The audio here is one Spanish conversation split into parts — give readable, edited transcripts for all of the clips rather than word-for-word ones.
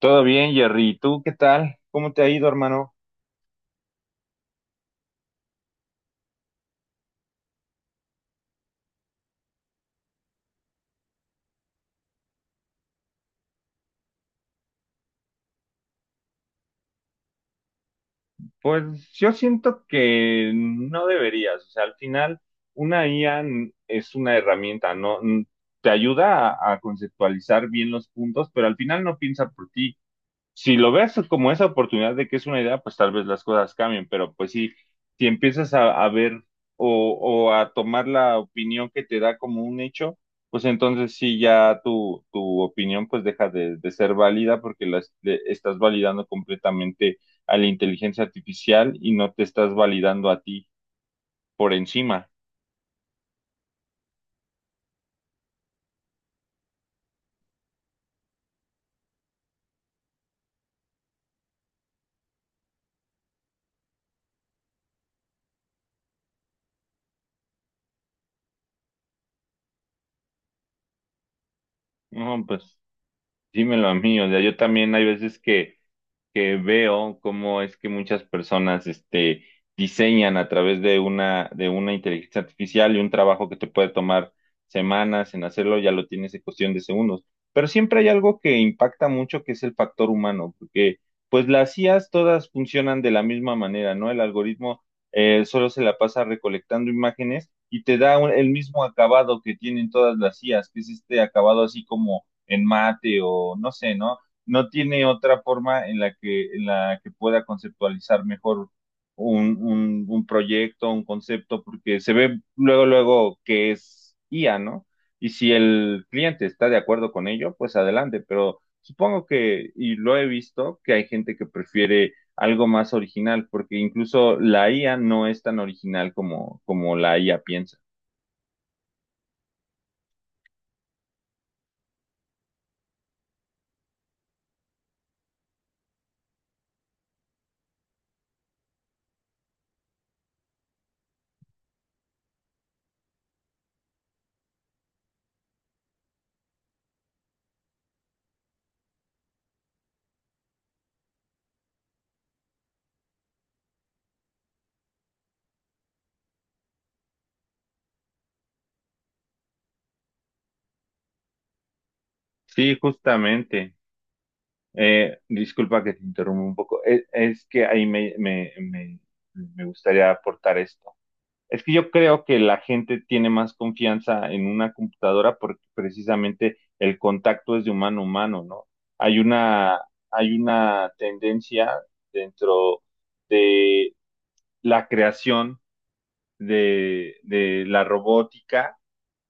Todo bien, Jerry. ¿Tú qué tal? ¿Cómo te ha ido, hermano? Pues yo siento que no deberías. O sea, al final, una IA es una herramienta, ¿no? Te ayuda a conceptualizar bien los puntos, pero al final no piensa por ti. Si lo ves como esa oportunidad de que es una idea, pues tal vez las cosas cambien, pero pues sí, si empiezas a ver o, o a tomar la opinión que te da como un hecho, pues entonces sí ya tu opinión pues deja de ser válida porque la estás validando completamente a la inteligencia artificial y no te estás validando a ti por encima. No, pues dímelo a mí, o sea, yo también hay veces que veo cómo es que muchas personas diseñan a través de una, de una, inteligencia artificial y un trabajo que te puede tomar semanas en hacerlo, ya lo tienes en cuestión de segundos. Pero siempre hay algo que impacta mucho, que es el factor humano, porque pues las IAs todas funcionan de la misma manera, ¿no? El algoritmo solo se la pasa recolectando imágenes y te da el mismo acabado que tienen todas las IAs, que es este acabado así como en mate o no sé, ¿no? No tiene otra forma en la que pueda conceptualizar mejor un proyecto, un concepto, porque se ve luego, luego que es IA, ¿no? Y si el cliente está de acuerdo con ello, pues adelante, pero supongo que, y lo he visto, que hay gente que prefiere algo más original, porque incluso la IA no es tan original como, como la IA piensa. Sí, justamente. Disculpa que te interrumpa un poco. Es que ahí me gustaría aportar esto. Es que yo creo que la gente tiene más confianza en una computadora porque precisamente el contacto es de humano a humano, ¿no? Hay una, hay una tendencia dentro de la creación de la robótica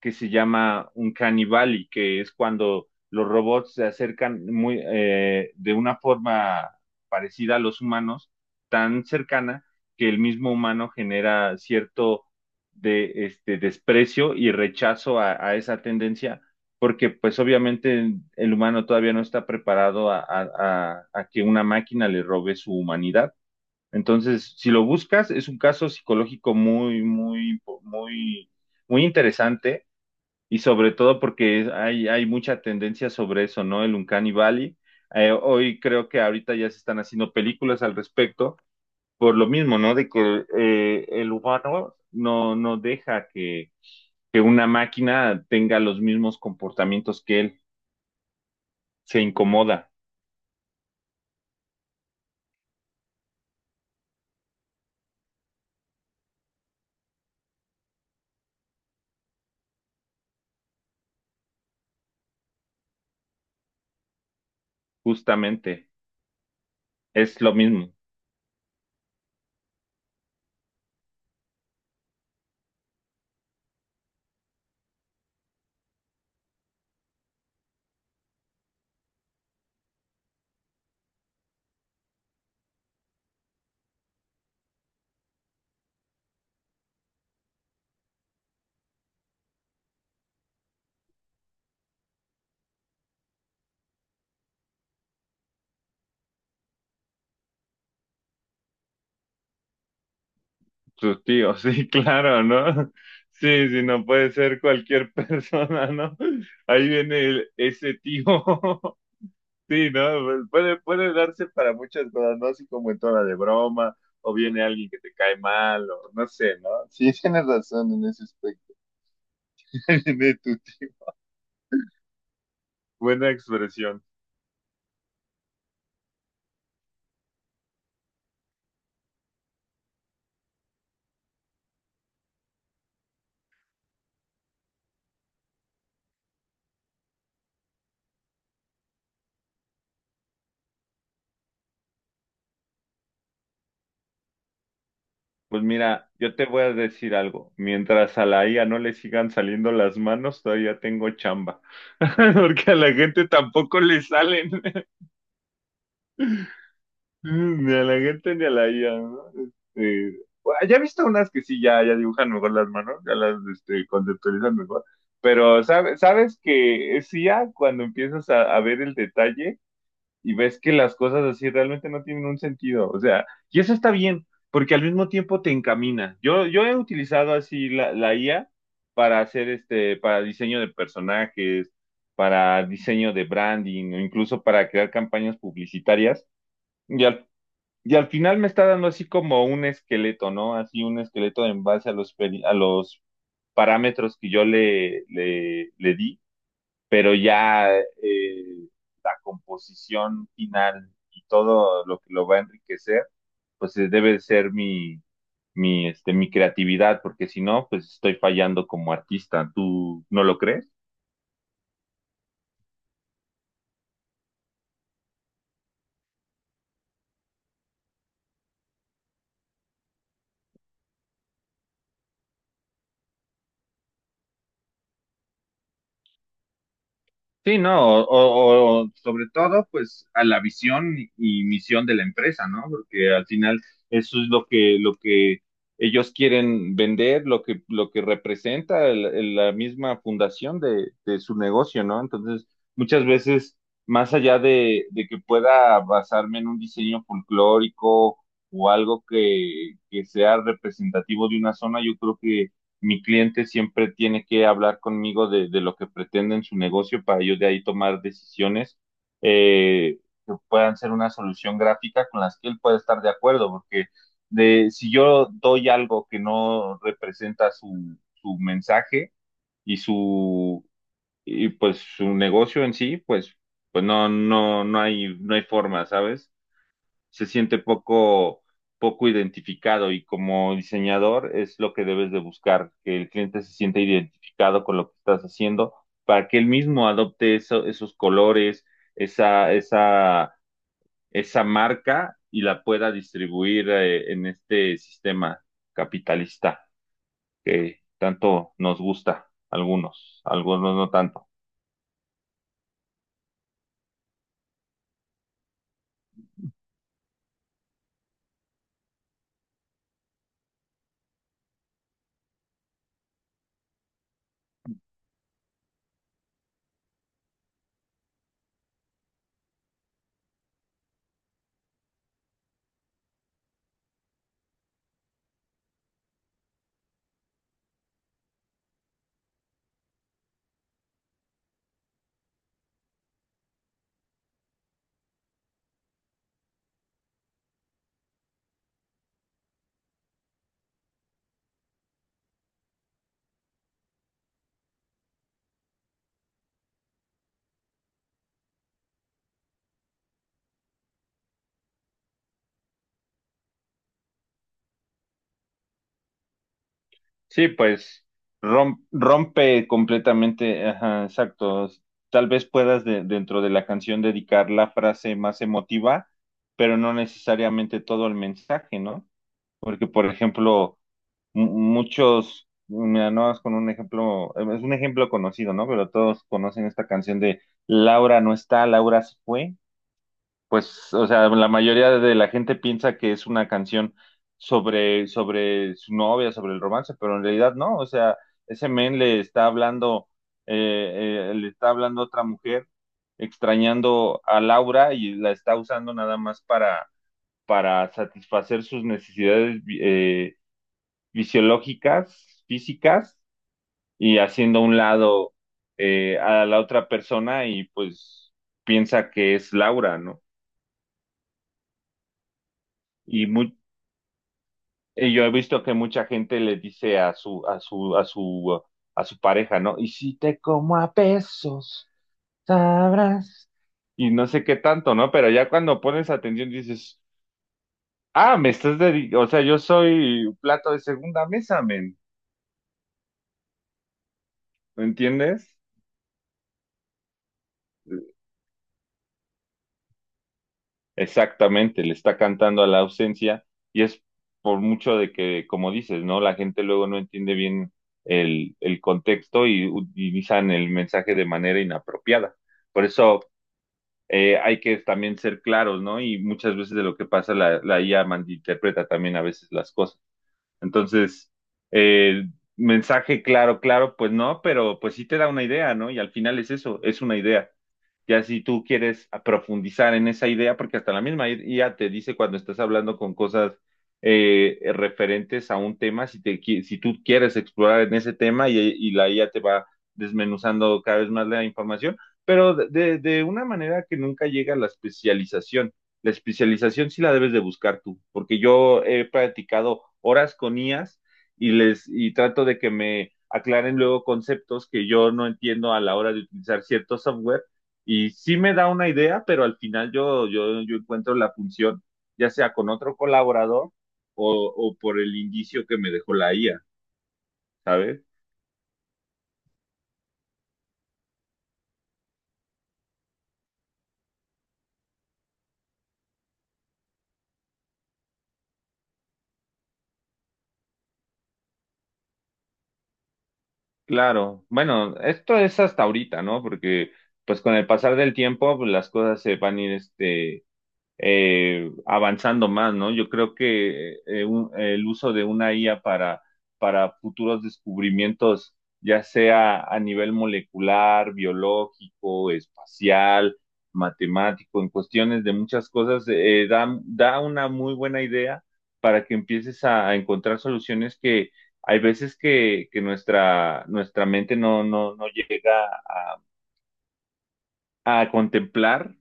que se llama un caníbal, y que es cuando los robots se acercan muy, de una forma parecida a los humanos, tan cercana que el mismo humano genera cierto desprecio y rechazo a esa tendencia, porque pues obviamente el humano todavía no está preparado a que una máquina le robe su humanidad. Entonces, si lo buscas, es un caso psicológico muy, muy, muy, muy interesante y sobre todo porque hay mucha tendencia sobre eso, ¿no? El Uncanny Valley. Hoy creo que ahorita ya se están haciendo películas al respecto, por lo mismo, ¿no? De que el humano no deja que una máquina tenga los mismos comportamientos que él. Se incomoda, justamente. Es lo mismo. Tu tío, sí, claro, ¿no? Sí, sí, no puede ser cualquier persona, ¿no? Ahí viene ese tío. Sí, ¿no? Pues puede darse para muchas cosas, ¿no? Así como en toda de broma, o viene alguien que te cae mal, o no sé, ¿no? Sí, tienes razón en ese aspecto. Viene tu tío. Buena expresión. Pues mira, yo te voy a decir algo. Mientras a la IA no le sigan saliendo las manos, todavía tengo chamba. Porque a la gente tampoco le salen. Mm, ni a la gente ni a la IA, ¿no? Este, bueno, ya he visto unas que sí, ya, ya dibujan mejor las manos, ya las conceptualizan mejor, pero sabes que es I a cuando empiezas a ver el detalle y ves que las cosas así realmente no tienen un sentido, o sea, y eso está bien, porque al mismo tiempo te encamina. Yo he utilizado así la IA para hacer este, para diseño de personajes, para diseño de branding, o incluso para crear campañas publicitarias. y al y al final me está dando así como un esqueleto, ¿no? Así un esqueleto en base a los parámetros que yo le di, pero ya la composición final y todo lo que lo va a enriquecer, pues debe ser mi creatividad, porque si no, pues estoy fallando como artista. ¿Tú no lo crees? Sí, no, o sobre todo, pues a la visión y misión de la empresa, ¿no? Porque al final eso es lo que ellos quieren vender, lo que representa la misma fundación de su negocio, ¿no? Entonces, muchas veces, más allá de que pueda basarme en un diseño folclórico o algo que sea representativo de una zona, yo creo mi cliente siempre tiene que hablar conmigo de lo que pretende en su negocio para yo de ahí tomar decisiones eh, que puedan ser una solución gráfica con las que él pueda estar de acuerdo, porque de, si yo doy algo que no representa su mensaje y su y pues su negocio en sí, pues, pues no hay forma, ¿sabes? Se siente poco identificado y como diseñador es lo que debes de buscar, que el cliente se sienta identificado con lo que estás haciendo para que él mismo adopte esos colores, esa, esa, esa marca y la pueda distribuir en este sistema capitalista que tanto nos gusta, algunos, algunos no tanto. Sí, pues rompe completamente, ajá, exacto. Tal vez puedas dentro de la canción dedicar la frase más emotiva, pero no necesariamente todo el mensaje, ¿no? Porque, por ejemplo, muchos, mira, no es con un ejemplo, es un ejemplo conocido, ¿no? Pero todos conocen esta canción de Laura no está, Laura se fue. Pues, o sea, la mayoría de la gente piensa que es una canción sobre, sobre su novia, sobre el romance, pero en realidad no, o sea, ese men le está hablando a otra mujer, extrañando a Laura y la está usando nada más para satisfacer sus necesidades fisiológicas, físicas, y haciendo a un lado a la otra persona y pues piensa que es Laura, ¿no? Y mu- Y yo he visto que mucha gente le dice a su pareja, ¿no? Y si te como a pesos, sabrás. Y no sé qué tanto, ¿no? Pero ya cuando pones atención dices, ah, me estás dedicando, o sea, yo soy plato de segunda mesa, men. ¿Me entiendes? Exactamente, le está cantando a la ausencia y es por mucho de que, como dices, ¿no? La gente luego no entiende bien el contexto y utilizan el mensaje de manera inapropiada. Por eso hay que también ser claros, ¿no? Y muchas veces de lo que pasa la IA malinterpreta también a veces las cosas. Entonces, eh, mensaje claro, claro, pues no, pero pues sí te da una idea, ¿no? Y al final es eso, es una idea. Ya si tú quieres profundizar en esa idea, porque hasta la misma IA te dice cuando estás hablando con cosas referentes a un tema, si tú quieres explorar en ese tema y la IA te va desmenuzando cada vez más la información, pero de, de una manera que nunca llega a la especialización. La especialización sí la debes de buscar tú, porque yo he practicado horas con IAS y trato de que me aclaren luego conceptos que yo no entiendo a la hora de utilizar cierto software y sí me da una idea, pero al final yo encuentro la función ya sea con otro colaborador o por el indicio que me dejó la IA, ¿sabes? Claro, bueno, esto es hasta ahorita, ¿no? Porque pues con el pasar del tiempo pues, las cosas se van a ir este avanzando más, ¿no? Yo creo que el uso de una IA para futuros descubrimientos, ya sea a nivel molecular, biológico, espacial, matemático, en cuestiones de muchas cosas, da una muy buena idea para que empieces a encontrar soluciones que hay veces que nuestra, nuestra mente no llega a contemplar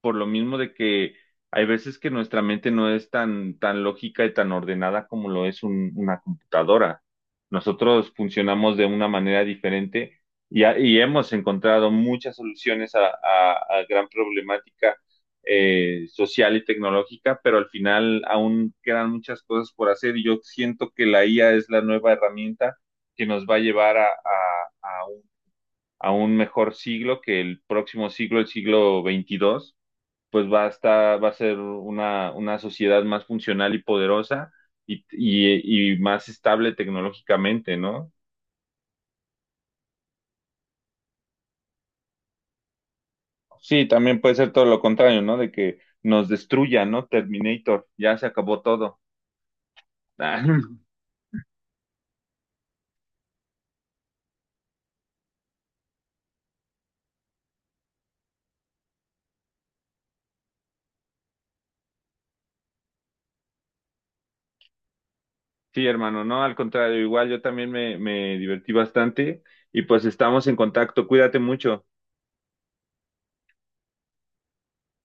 por lo mismo de que hay veces que nuestra mente no es tan, tan lógica y tan ordenada como lo es una computadora. Nosotros funcionamos de una manera diferente y hemos encontrado muchas soluciones a, a gran problemática social y tecnológica, pero al final aún quedan muchas cosas por hacer y yo siento que la IA es la nueva herramienta que nos va a llevar a, a un, a un mejor siglo que el próximo siglo, el siglo XXII pues va a estar, va a ser una sociedad más funcional y poderosa y más estable tecnológicamente, ¿no? Sí, también puede ser todo lo contrario, ¿no? De que nos destruya, ¿no? Terminator, ya se acabó todo. Sí, hermano, no, al contrario, igual yo también me divertí bastante y pues estamos en contacto. Cuídate mucho.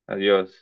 Adiós.